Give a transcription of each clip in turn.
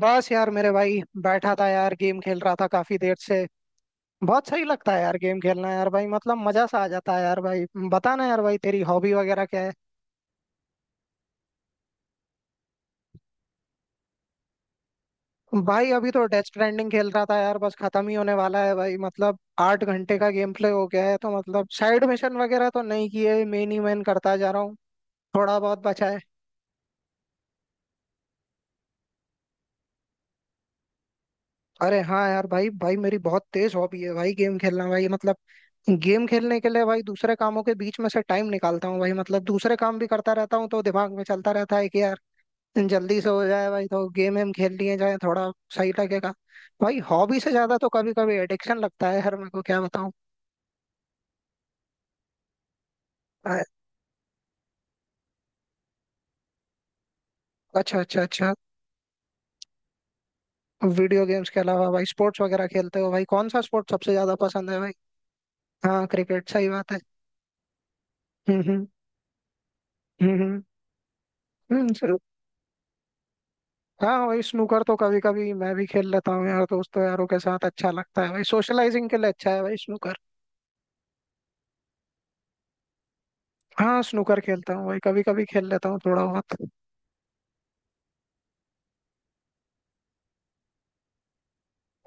बस यार मेरे भाई बैठा था यार गेम खेल रहा था काफी देर से। बहुत सही लगता है यार गेम खेलना यार भाई मतलब मजा सा आ जाता है यार भाई। बताना यार भाई तेरी हॉबी वगैरह क्या है। भाई अभी तो डेथ स्ट्रैंडिंग खेल रहा था यार बस खत्म ही होने वाला है भाई मतलब 8 घंटे का गेम प्ले हो गया है तो मतलब साइड मिशन वगैरह तो नहीं किए मेन ही मेन करता जा रहा हूँ। थोड़ा बहुत बचा है। अरे हाँ यार भाई भाई मेरी बहुत तेज हॉबी है भाई गेम खेलना भाई मतलब। गेम खेलने के लिए भाई दूसरे कामों के बीच में से टाइम निकालता हूँ भाई मतलब दूसरे काम भी करता रहता हूँ तो दिमाग में चलता रहता है कि यार जल्दी से हो जाए भाई तो गेम वेम खेल लिए जाए थोड़ा सही लगेगा। भाई हॉबी से ज्यादा तो कभी कभी एडिक्शन लगता है यार मेरे को क्या बताऊँ। अ- अच्छा अच्छा अच्छा। वीडियो गेम्स के अलावा भाई स्पोर्ट्स वगैरह खेलते हो भाई कौन सा स्पोर्ट्स सबसे ज्यादा पसंद है भाई। हाँ क्रिकेट सही बात है। हम्म। हम्म। हम्म। हम्म। हाँ हाँ, वही स्नूकर तो कभी कभी मैं भी खेल लेता हूँ यार दोस्तों यारों के साथ अच्छा लगता है भाई सोशलाइजिंग के लिए अच्छा है भाई स्नूकर। हाँ स्नूकर खेलता हूँ भाई कभी कभी खेल लेता हूँ थोड़ा बहुत।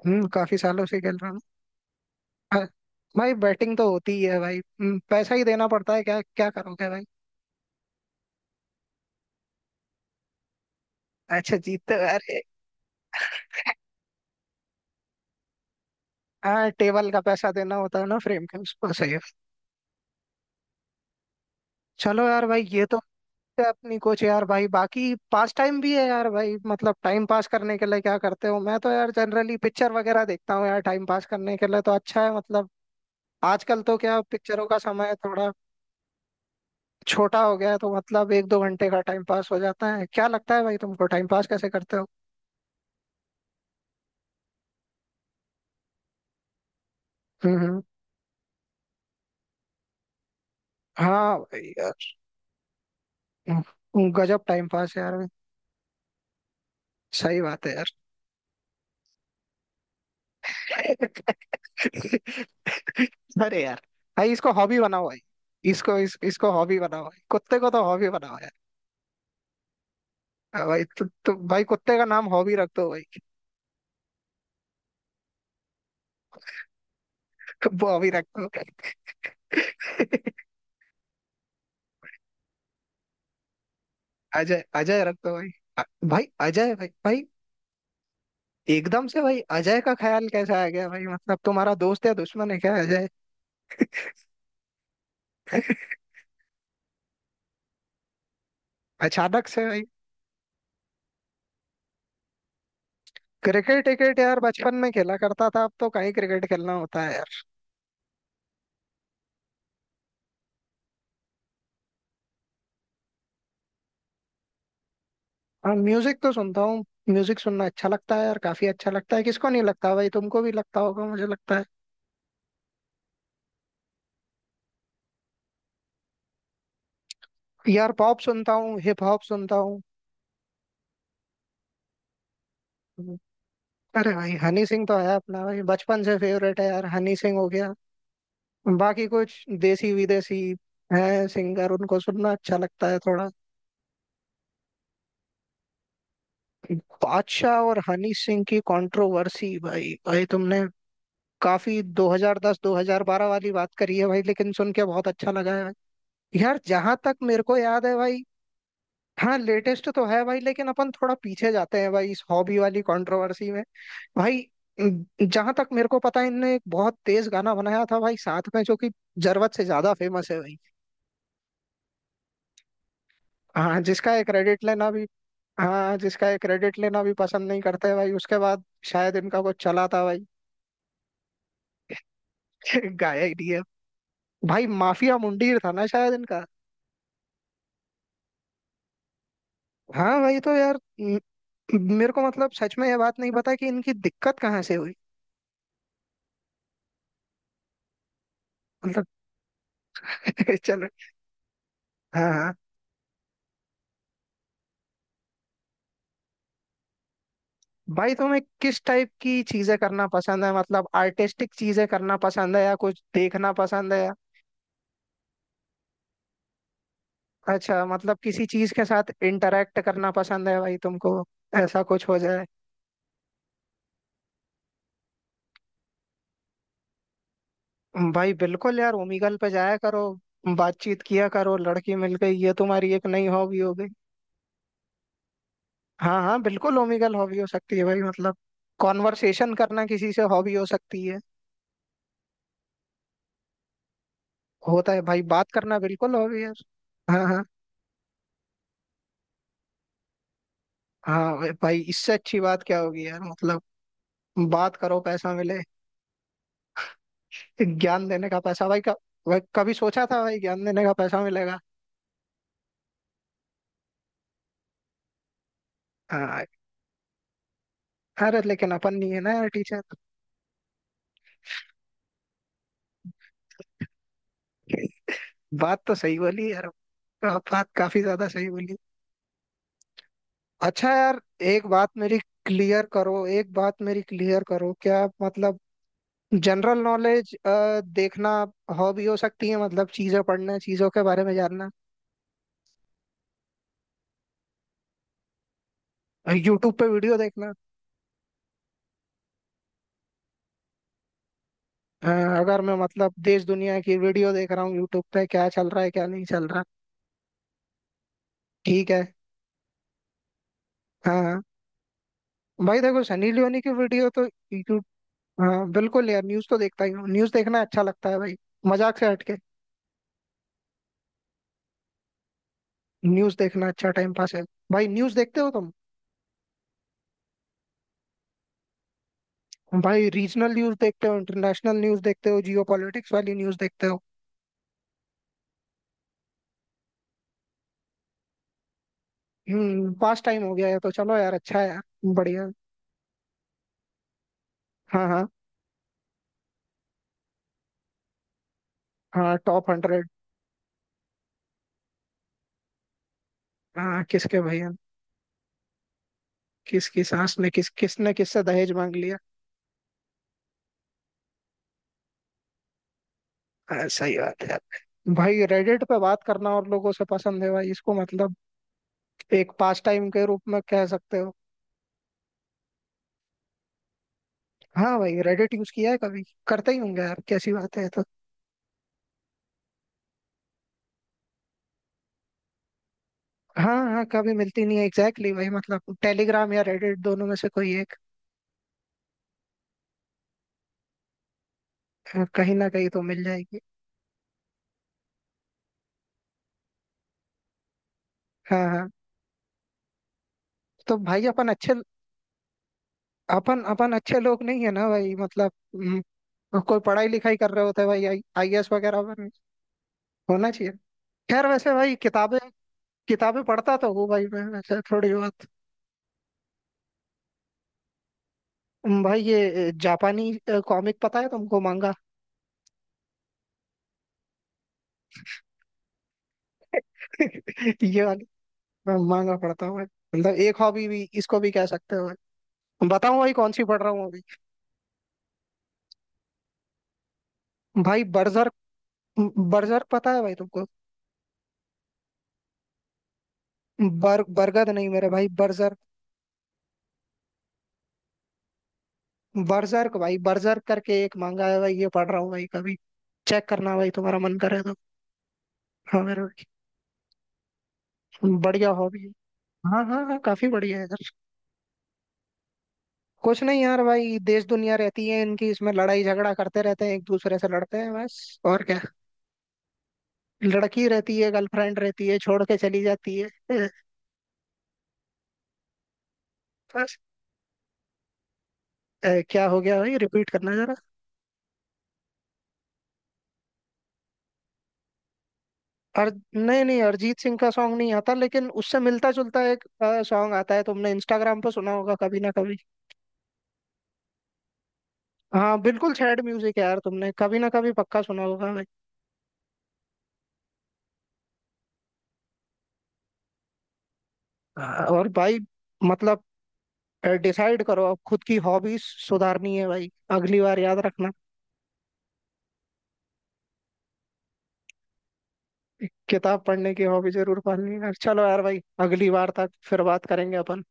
काफी सालों से खेल रहा हूँ। हाँ, भाई बैटिंग तो होती ही है भाई पैसा ही देना पड़ता है क्या क्या करोगे भाई। अच्छा जीतते हो, अरे। हाँ टेबल का पैसा देना होता है ना फ्रेम के उसको सही है। चलो यार भाई ये तो है अपनी कुछ यार भाई बाकी पास टाइम भी है यार भाई मतलब टाइम पास करने के लिए क्या करते हो मैं तो यार जनरली पिक्चर वगैरह देखता हूँ यार टाइम पास करने के लिए तो अच्छा है मतलब। आजकल तो क्या पिक्चरों का समय थोड़ा छोटा हो गया है तो मतलब एक दो घंटे का टाइम पास हो जाता है क्या लगता है भाई तुमको टाइम पास कैसे करते हो। हम्म। हम्म। हाँ भाई यार गजब टाइम पास है यार भाई। सही बात है यार। अरे यार। भाई इसको हॉबी बनाओ भाई इसको इसको हॉबी बनाओ भाई कुत्ते को तो हॉबी बनाओ। हाँ भाई तो भाई कुत्ते का नाम हॉबी रख दो भाई। बॉबी रख दो। अजय अजय रख दो भाई। अ- भाई अजय भाई भाई एकदम से भाई अजय का ख्याल कैसे आ गया भाई मतलब तुम्हारा दोस्त या दुश्मन है क्या अजय। अचानक से भाई। क्रिकेट क्रिकेट यार बचपन में खेला करता था अब तो कहीं क्रिकेट खेलना होता है यार। हाँ म्यूजिक तो सुनता हूँ म्यूजिक सुनना अच्छा लगता है यार काफी अच्छा लगता है किसको नहीं लगता भाई तुमको भी लगता होगा मुझे लगता है। यार पॉप सुनता हूँ हिप हॉप सुनता हूँ। अरे भाई हनी सिंह तो है अपना भाई बचपन से फेवरेट है यार हनी सिंह हो गया। बाकी कुछ देसी विदेशी है सिंगर उनको सुनना अच्छा लगता है थोड़ा। बादशाह और हनी सिंह की कंट्रोवर्सी भाई भाई तुमने काफी 2010 2012 वाली बात करी है भाई लेकिन सुन के बहुत अच्छा लगा है भाई। यार जहां तक मेरे को याद है भाई। हाँ लेटेस्ट तो है भाई लेकिन अपन थोड़ा पीछे जाते हैं भाई इस हॉबी वाली कंट्रोवर्सी में। भाई जहां तक मेरे को पता है इनने एक बहुत तेज गाना बनाया था भाई साथ में जो कि जरूरत से ज्यादा फेमस है भाई। हाँ जिसका ये क्रेडिट लेना भी हाँ जिसका ये क्रेडिट लेना भी पसंद नहीं करते हैं भाई उसके बाद शायद इनका कुछ चला था भाई। गाया ही नहीं है। भाई माफिया मुंडीर था ना शायद इनका। हाँ भाई तो यार मेरे को मतलब सच में ये बात नहीं पता कि इनकी दिक्कत कहाँ से हुई मतलब। चलो। हाँ हाँ। भाई तुम्हें किस टाइप की चीजें करना पसंद है मतलब आर्टिस्टिक चीजें करना पसंद है या कुछ देखना पसंद है। अच्छा मतलब किसी चीज के साथ इंटरेक्ट करना पसंद है भाई तुमको ऐसा कुछ हो जाए। भाई बिल्कुल यार ओमेगल पे जाया करो बातचीत किया करो लड़की मिल गई ये तुम्हारी एक नई हॉबी हो गई। हाँ हाँ बिल्कुल ओमेगल हॉबी हो सकती है भाई मतलब कॉन्वर्सेशन करना किसी से हॉबी हो सकती है। होता है भाई बात करना बिल्कुल हॉबी है। हाँ हाँ। हाँ भाई इससे अच्छी बात क्या होगी यार मतलब बात करो पैसा मिले। ज्ञान देने का पैसा भाई, कब। भाई कभी सोचा था भाई ज्ञान देने का पैसा मिलेगा। हाँ अरे लेकिन अपन नहीं है ना यार टीचर। बात तो सही बोली यार आप बात काफी ज्यादा सही बोली। अच्छा यार। एक बात मेरी एक बात मेरी क्लियर करो क्या मतलब जनरल नॉलेज देखना हॉबी हो सकती है मतलब चीजें पढ़ना चीजों के बारे में जानना। यूट्यूब पे वीडियो देखना। अ, अगर मैं मतलब देश दुनिया की वीडियो देख रहा हूँ यूट्यूब पे क्या चल रहा है क्या नहीं चल रहा। ठीक है। हाँ भाई देखो सनी लियोनी की वीडियो तो यू। हाँ बिल्कुल यार न्यूज तो देखता ही हूँ न्यूज देखना अच्छा लगता है भाई मजाक से हटके न्यूज देखना अच्छा टाइम पास है। भाई न्यूज देखते हो तुम। भाई रीजनल न्यूज देखते हो इंटरनेशनल न्यूज देखते हो जियो पॉलिटिक्स वाली न्यूज देखते हो। पास टाइम हो गया है तो चलो यार अच्छा है यार। बढ़िया। हाँ हाँ। हाँ टॉप 100। हाँ किसके भैया किसकी सास ने किस किसने किससे दहेज मांग लिया। हाँ, सही बात है यार। भाई रेडिट पे बात करना और लोगों से पसंद है भाई इसको मतलब एक पास टाइम के रूप में कह सकते हो। हाँ भाई रेडिट यूज किया है कभी करते ही होंगे यार कैसी बात है ये तो। हाँ हाँ कभी मिलती नहीं है एग्जैक्टली भाई मतलब टेलीग्राम या रेडिट दोनों में से कोई एक कहीं ना कहीं तो मिल जाएगी। हाँ हाँ तो भाई अपन अच्छे लोग नहीं है ना भाई मतलब कोई पढ़ाई लिखाई कर रहे होते हैं भाई आई ए एस वगैरह बन। होना चाहिए। खैर वैसे भाई किताबें किताबें पढ़ता तो हूँ भाई मैं वैसे थोड़ी बहुत। भाई ये जापानी कॉमिक पता है तुमको मांगा। ये वाली। मैं महंगा पड़ता है भाई मतलब एक हॉबी भी इसको भी कह सकते हो भाई बताऊं भाई कौन सी पढ़ रहा हूँ अभी। भाई बर्जर बर्जर पता है भाई तुमको। बर बरगद नहीं मेरे भाई बर्जर। बर्जर्क भाई बर्जर करके एक मांगा है भाई ये पढ़ रहा हूँ भाई कभी चेक करना भाई तुम्हारा मन करे तो। हाँ मेरे भाई। बढ़िया हॉबी है। हाँ हाँ हाँ काफी बढ़िया है यार। कुछ नहीं यार भाई देश दुनिया रहती है इनकी इसमें लड़ाई झगड़ा करते रहते हैं एक दूसरे से लड़ते हैं बस और क्या लड़की रहती है गर्लफ्रेंड रहती है छोड़ के चली जाती है। ए, बस ए, क्या हो गया भाई रिपीट करना जरा। अर नहीं नहीं अरिजीत सिंह का सॉन्ग नहीं आता लेकिन उससे मिलता जुलता एक सॉन्ग आता है तुमने इंस्टाग्राम पे सुना होगा कभी ना कभी। हाँ बिल्कुल सैड म्यूजिक है यार तुमने कभी ना कभी पक्का सुना होगा भाई। हाँ, और भाई मतलब डिसाइड करो अब खुद की हॉबीज सुधारनी है भाई अगली बार याद रखना। किताब पढ़ने की हॉबी जरूर पालनी है चलो यार भाई अगली बार तक फिर बात करेंगे अपन।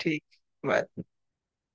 ठीक। बाय।